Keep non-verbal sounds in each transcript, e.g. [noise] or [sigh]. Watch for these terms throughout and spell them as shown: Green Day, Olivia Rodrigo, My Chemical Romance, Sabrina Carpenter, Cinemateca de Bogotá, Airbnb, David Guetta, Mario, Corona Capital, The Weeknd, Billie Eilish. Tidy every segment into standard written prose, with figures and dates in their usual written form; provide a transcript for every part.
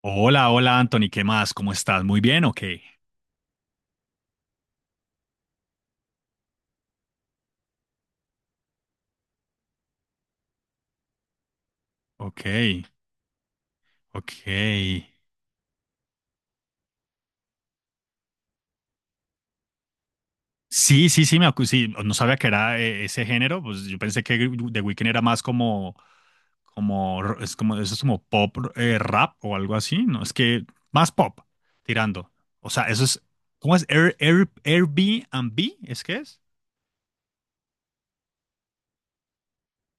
Hola, hola Anthony, ¿qué más? ¿Cómo estás? ¿Muy bien o qué? Ok, ok. Sí, sí, sí, sí, no sabía que era ese género, pues yo pensé que The Weeknd era más como, como, es como, eso es como pop, rap o algo así, ¿no? Es que más pop, tirando. O sea, eso es, ¿cómo es? Airbnb, ¿es que es?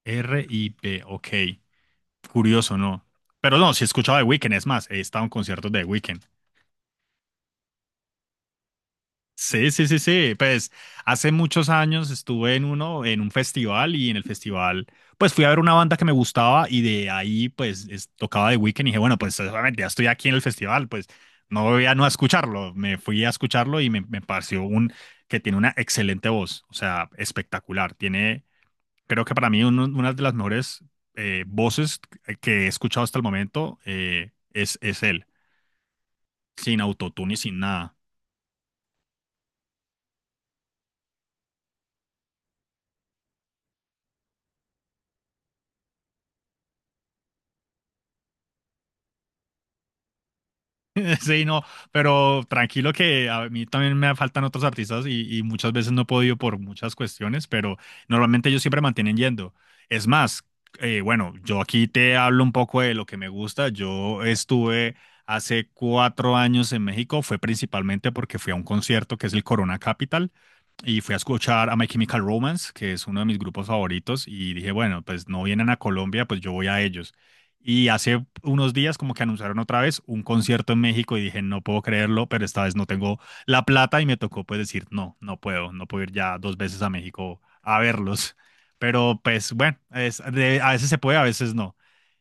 R-I-B, ok. Curioso, ¿no? Pero no, si escuchaba The Weeknd, es más, he estado en conciertos de The Weeknd. Sí, sí, sí, sí. Pues hace muchos años estuve en uno, en un festival y en el festival, pues fui a ver una banda que me gustaba y de ahí, pues tocaba The Weeknd y dije, bueno, pues obviamente ya estoy aquí en el festival, pues no voy a no a escucharlo. Me fui a escucharlo y me pareció un que tiene una excelente voz, o sea, espectacular. Tiene, creo que para mí una de las mejores voces que he escuchado hasta el momento es él, sin autotune y sin nada. [laughs] Sí, no, pero tranquilo que a mí también me faltan otros artistas y muchas veces no he podido por muchas cuestiones, pero normalmente ellos siempre mantienen yendo. Es más, bueno, yo aquí te hablo un poco de lo que me gusta. Yo estuve hace cuatro años en México, fue principalmente porque fui a un concierto que es el Corona Capital y fui a escuchar a My Chemical Romance, que es uno de mis grupos favoritos, y dije, bueno, pues no vienen a Colombia, pues yo voy a ellos. Y hace unos días como que anunciaron otra vez un concierto en México y dije, no puedo creerlo, pero esta vez no tengo la plata y me tocó pues decir, no, no puedo, no puedo ir ya dos veces a México a verlos. Pero pues bueno, es, a veces se puede, a veces no.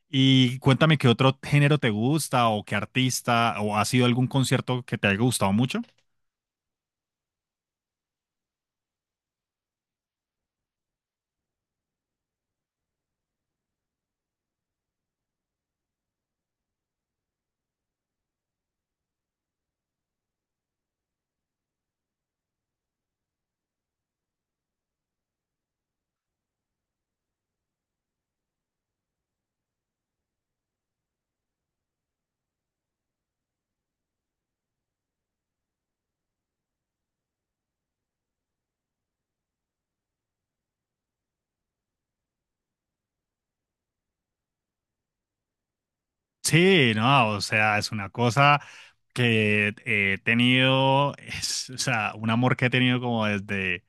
Y cuéntame qué otro género te gusta o qué artista o ha sido algún concierto que te haya gustado mucho. Sí, no, o sea, es una cosa que he tenido, [laughs] es, o sea, un amor que he tenido como desde...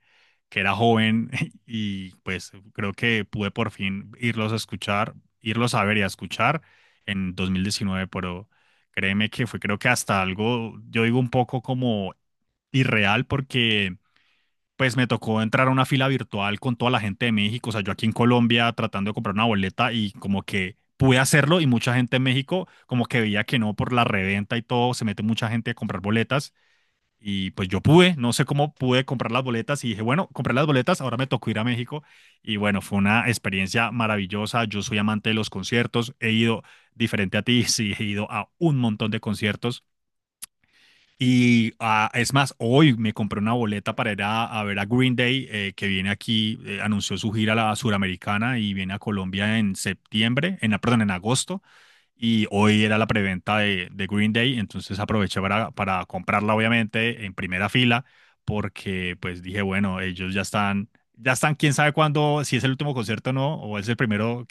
que era joven [laughs] y pues creo que pude por fin irlos a escuchar, irlos a ver y a escuchar en 2019, pero créeme que fue creo que hasta algo, yo digo un poco como irreal porque pues me tocó entrar a una fila virtual con toda la gente de México, o sea, yo aquí en Colombia tratando de comprar una boleta y como que pude hacerlo y mucha gente en México como que veía que no por la reventa y todo, se mete mucha gente a comprar boletas y pues yo pude, no sé cómo pude comprar las boletas y dije, bueno, compré las boletas, ahora me tocó ir a México. Y bueno, fue una experiencia maravillosa. Yo soy amante de los conciertos, he ido diferente a ti, [laughs] sí, he ido a un montón de conciertos. Y ah, es más, hoy me compré una boleta para ir a ver a Green Day, que viene aquí, anunció su gira a la suramericana y viene a Colombia en septiembre, en, perdón, en agosto y hoy era la preventa de Green Day, entonces aproveché para comprarla obviamente en primera fila porque pues dije, bueno, ya están, quién sabe cuándo, si es el último concierto o no, o es el primero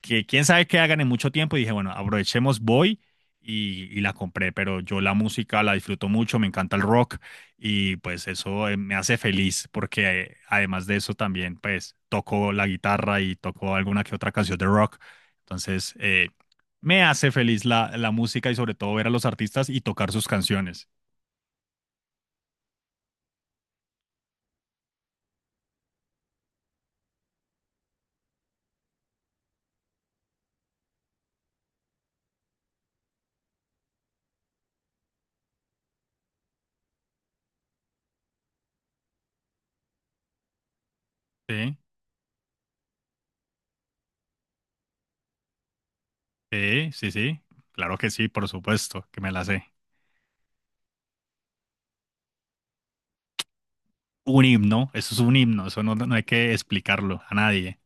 que quién sabe qué hagan en mucho tiempo y dije, bueno, aprovechemos, voy y la compré, pero yo la música la disfruto mucho, me encanta el rock y pues eso me hace feliz porque además de eso también pues toco la guitarra y toco alguna que otra canción de rock, entonces me hace feliz la, la música y sobre todo ver a los artistas y tocar sus canciones. Sí, sí, sí, sí, claro que sí, por supuesto, que me la sé. Un himno, eso es un himno, eso no, no hay que explicarlo a nadie.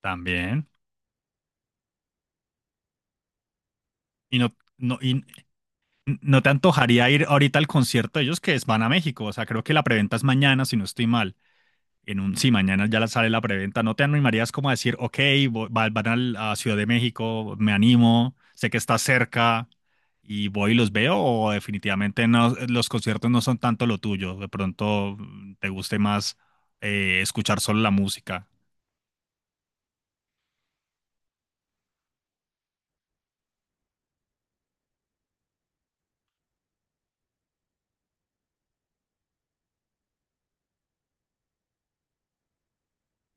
También. Y no, no, y no te antojaría ir ahorita al concierto de ellos que es, van a México. O sea, creo que la preventa es mañana, si no estoy mal. En un, sí, mañana sale la preventa. ¿No te animarías como a decir, ok, van a Ciudad de México, me animo, sé que está cerca y voy y los veo? ¿O definitivamente no, los conciertos no son tanto lo tuyo? De pronto mm, te guste más escuchar solo la música.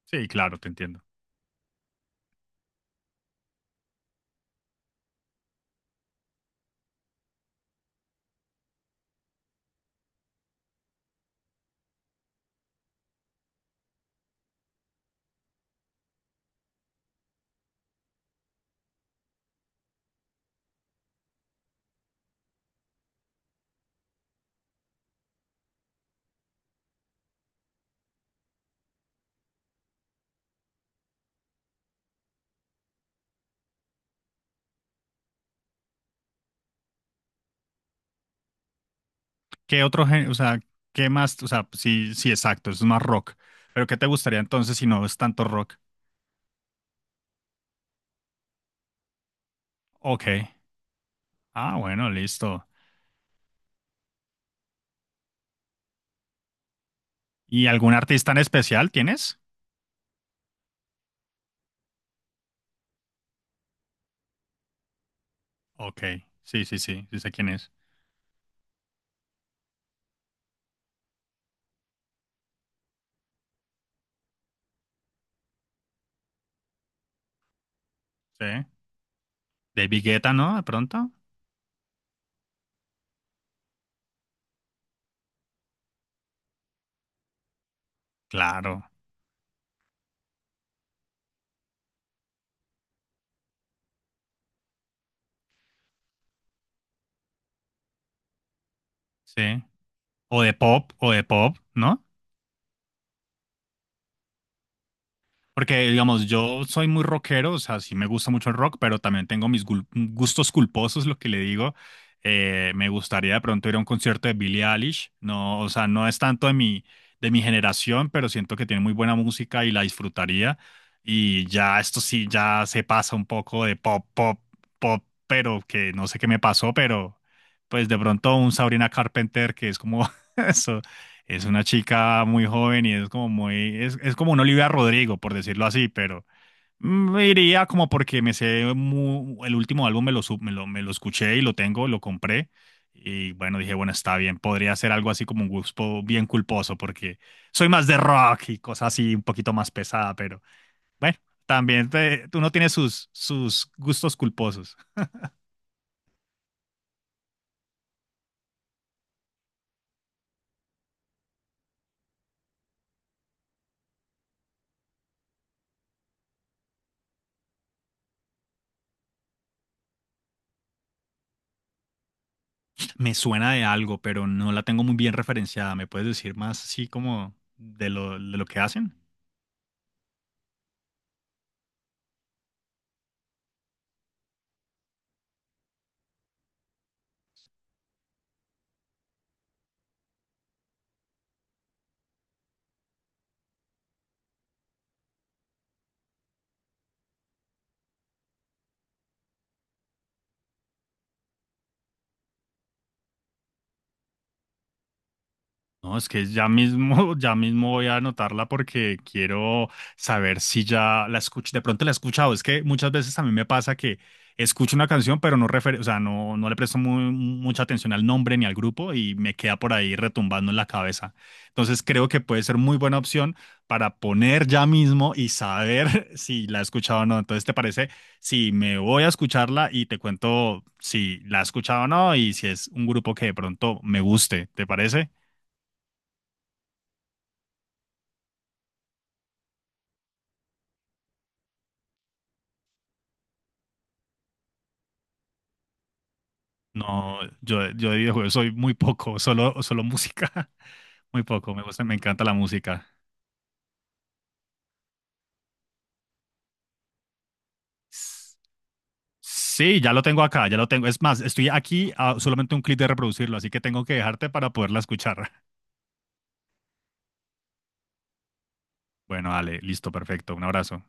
Sí, claro, te entiendo. ¿Qué otro género? O sea, ¿qué más? O sea, sí, sí, exacto, eso es más rock. Pero ¿qué te gustaría entonces si no es tanto rock? Ok. Ah, bueno, listo. ¿Y algún artista en especial tienes? Ok. Sí, sí, sí, sí sé quién es. Sí. De Guetta, ¿no? De pronto. Claro. Sí. O de pop, ¿no? Porque, digamos, yo soy muy rockero, o sea, sí me gusta mucho el rock, pero también tengo mis gustos culposos, lo que le digo. Me gustaría de pronto ir a un concierto de Billie Eilish. No, o sea, no es tanto de de mi generación, pero siento que tiene muy buena música y la disfrutaría. Y ya esto sí, ya se pasa un poco de pop, pero que no sé qué me pasó, pero pues de pronto un Sabrina Carpenter, que es como [laughs] eso. Es una chica muy joven y es como muy, es como una Olivia Rodrigo, por decirlo así, pero mm, me iría como porque el último álbum me lo escuché y lo tengo, lo compré. Y bueno, dije, bueno, está bien, podría ser algo así como un gusto bien culposo, porque soy más de rock y cosas así un poquito más pesada, pero bueno, también uno tiene sus, sus gustos culposos. Me suena de algo, pero no la tengo muy bien referenciada. ¿Me puedes decir más así como de lo que hacen? No, es que ya mismo, [laughs] ya mismo voy a anotarla porque quiero saber si ya la escuché. De pronto la he escuchado. Es que muchas veces a mí me pasa que escucho una canción, pero o sea, no, no le presto mucha atención al nombre ni al grupo y me queda por ahí retumbando en la cabeza. Entonces creo que puede ser muy buena opción para poner ya mismo y saber [laughs] si la he escuchado o no. Entonces, ¿te parece si me voy a escucharla y te cuento si la he escuchado o no y si es un grupo que de pronto me guste? ¿Te parece? No, yo de videojuegos soy muy poco, solo, solo música. [laughs] Muy poco, me gusta, me encanta la música. S- Sí, ya lo tengo acá, ya lo tengo. Es más, estoy aquí a solamente un clic de reproducirlo, así que tengo que dejarte para poderla escuchar. [laughs] Bueno, dale, listo, perfecto. Un abrazo.